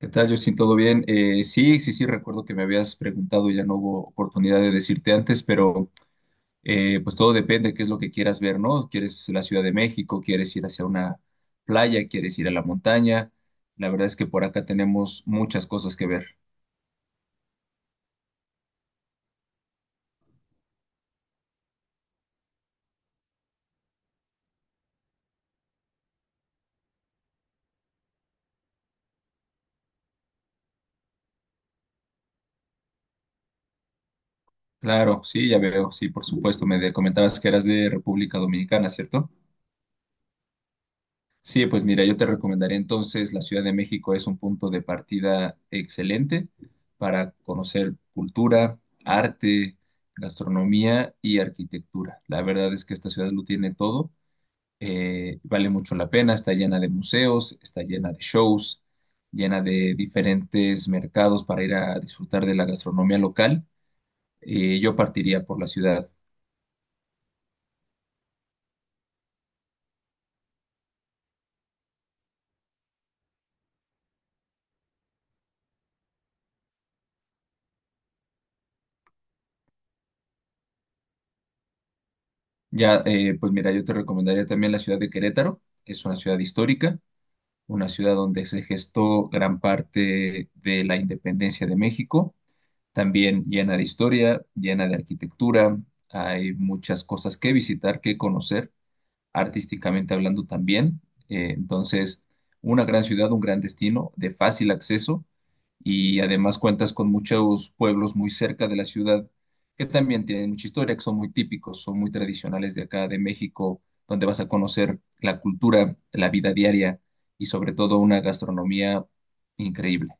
¿Qué tal, Justin? ¿Todo bien? Sí, recuerdo que me habías preguntado, ya no hubo oportunidad de decirte antes, pero pues todo depende de qué es lo que quieras ver, ¿no? ¿Quieres la Ciudad de México? ¿Quieres ir hacia una playa? ¿Quieres ir a la montaña? La verdad es que por acá tenemos muchas cosas que ver. Claro, sí, ya veo, sí, por supuesto. Comentabas que eras de República Dominicana, ¿cierto? Sí, pues mira, yo te recomendaría entonces la Ciudad de México es un punto de partida excelente para conocer cultura, arte, gastronomía y arquitectura. La verdad es que esta ciudad lo tiene todo, vale mucho la pena, está llena de museos, está llena de shows, llena de diferentes mercados para ir a disfrutar de la gastronomía local. Yo partiría por la ciudad. Ya, pues mira, yo te recomendaría también la ciudad de Querétaro, es una ciudad histórica, una ciudad donde se gestó gran parte de la independencia de México, también llena de historia, llena de arquitectura, hay muchas cosas que visitar, que conocer artísticamente hablando también. Entonces, una gran ciudad, un gran destino de fácil acceso y además cuentas con muchos pueblos muy cerca de la ciudad que también tienen mucha historia, que son muy típicos, son muy tradicionales de acá, de México, donde vas a conocer la cultura, la vida diaria y sobre todo una gastronomía increíble.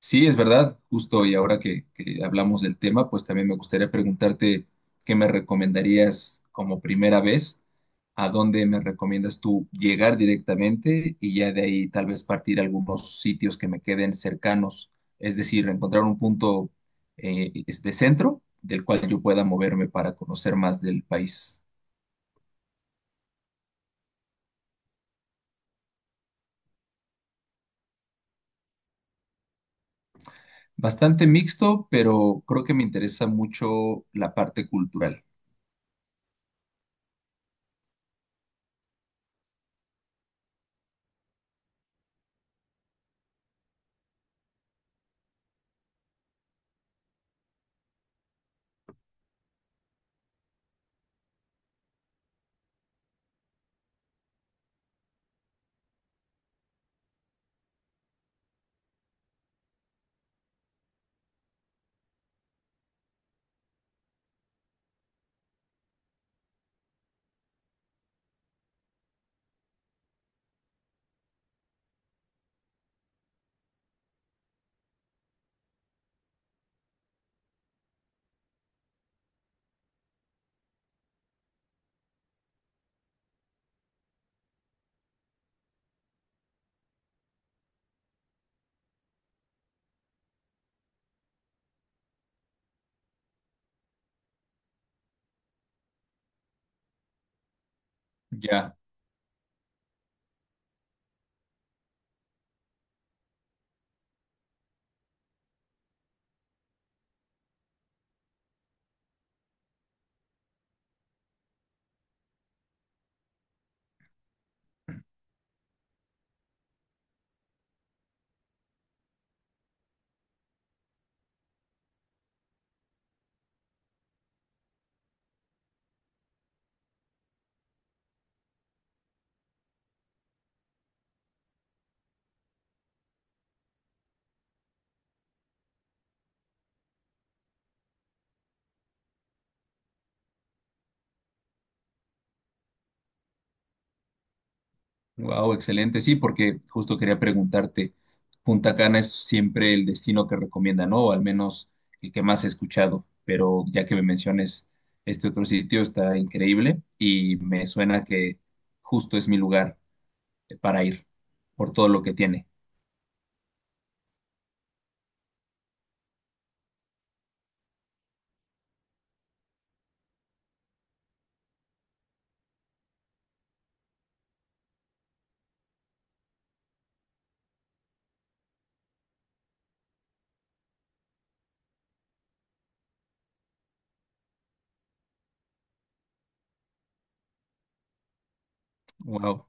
Sí, es verdad, justo y ahora que hablamos del tema, pues también me gustaría preguntarte qué me recomendarías como primera vez, a dónde me recomiendas tú llegar directamente y ya de ahí tal vez partir a algunos sitios que me queden cercanos, es decir, encontrar un punto es de centro del cual yo pueda moverme para conocer más del país. Bastante mixto, pero creo que me interesa mucho la parte cultural. Ya. Wow, excelente. Sí, porque justo quería preguntarte, Punta Cana es siempre el destino que recomienda, ¿no? O al menos el que más he escuchado, pero ya que me menciones este otro sitio, está increíble y me suena que justo es mi lugar para ir por todo lo que tiene. Wow,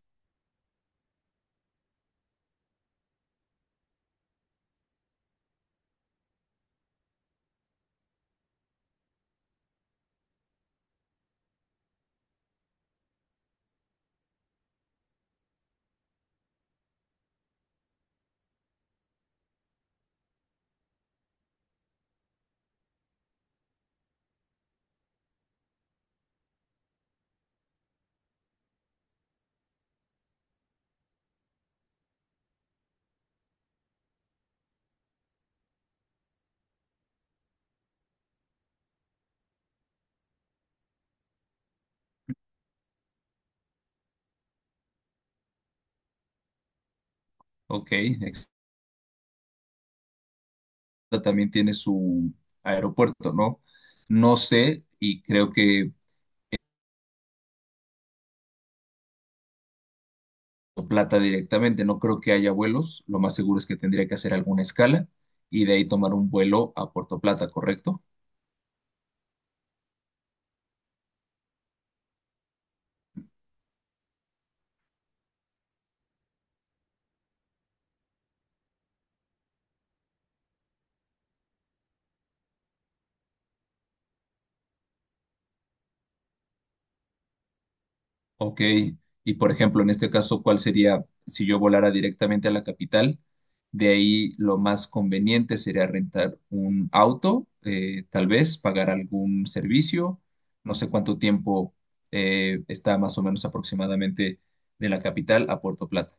ok. También tiene su aeropuerto, ¿no? No sé y creo que plata directamente. No creo que haya vuelos. Lo más seguro es que tendría que hacer alguna escala y de ahí tomar un vuelo a Puerto Plata, ¿correcto? Ok. Y por ejemplo, en este caso, ¿cuál sería si yo volara directamente a la capital? De ahí lo más conveniente sería rentar un auto, tal vez pagar algún servicio. No sé cuánto tiempo está más o menos aproximadamente de la capital a Puerto Plata.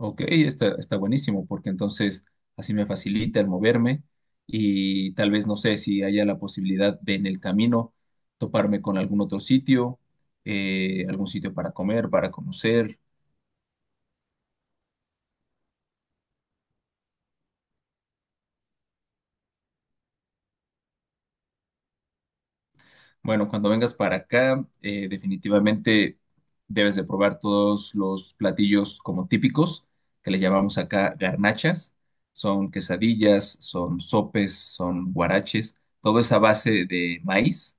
Ok, está buenísimo, porque entonces así me facilita el moverme y tal vez no sé si haya la posibilidad de en el camino toparme con algún otro sitio, algún sitio para comer, para conocer. Bueno, cuando vengas para acá, definitivamente debes de probar todos los platillos como típicos, que le llamamos acá garnachas. Son quesadillas, son sopes, son guaraches. Todo es a base de maíz,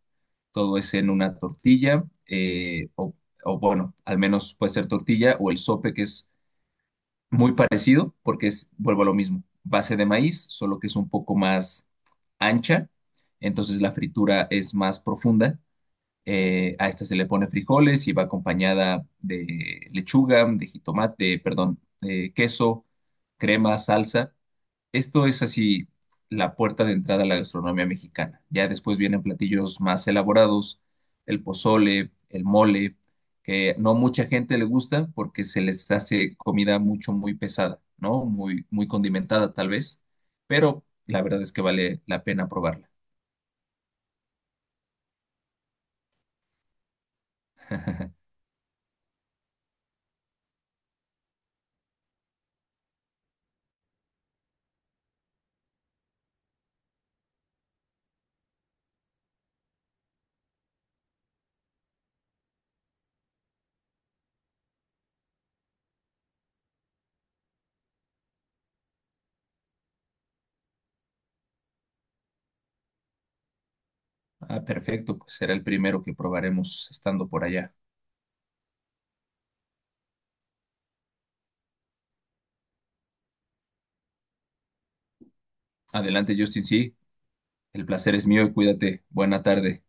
todo es en una tortilla, o bueno, al menos puede ser tortilla o el sope, que es muy parecido, porque es, vuelvo a lo mismo, base de maíz, solo que es un poco más ancha, entonces la fritura es más profunda. A esta se le pone frijoles y va acompañada de lechuga, de jitomate, perdón, de queso, crema, salsa. Esto es así la puerta de entrada a la gastronomía mexicana. Ya después vienen platillos más elaborados, el pozole, el mole, que no mucha gente le gusta porque se les hace comida mucho, muy pesada, ¿no? Muy, muy condimentada tal vez, pero la verdad es que vale la pena probarla. Ah, perfecto, pues será el primero que probaremos estando por allá. Adelante, Justin, sí. El placer es mío y cuídate. Buena tarde.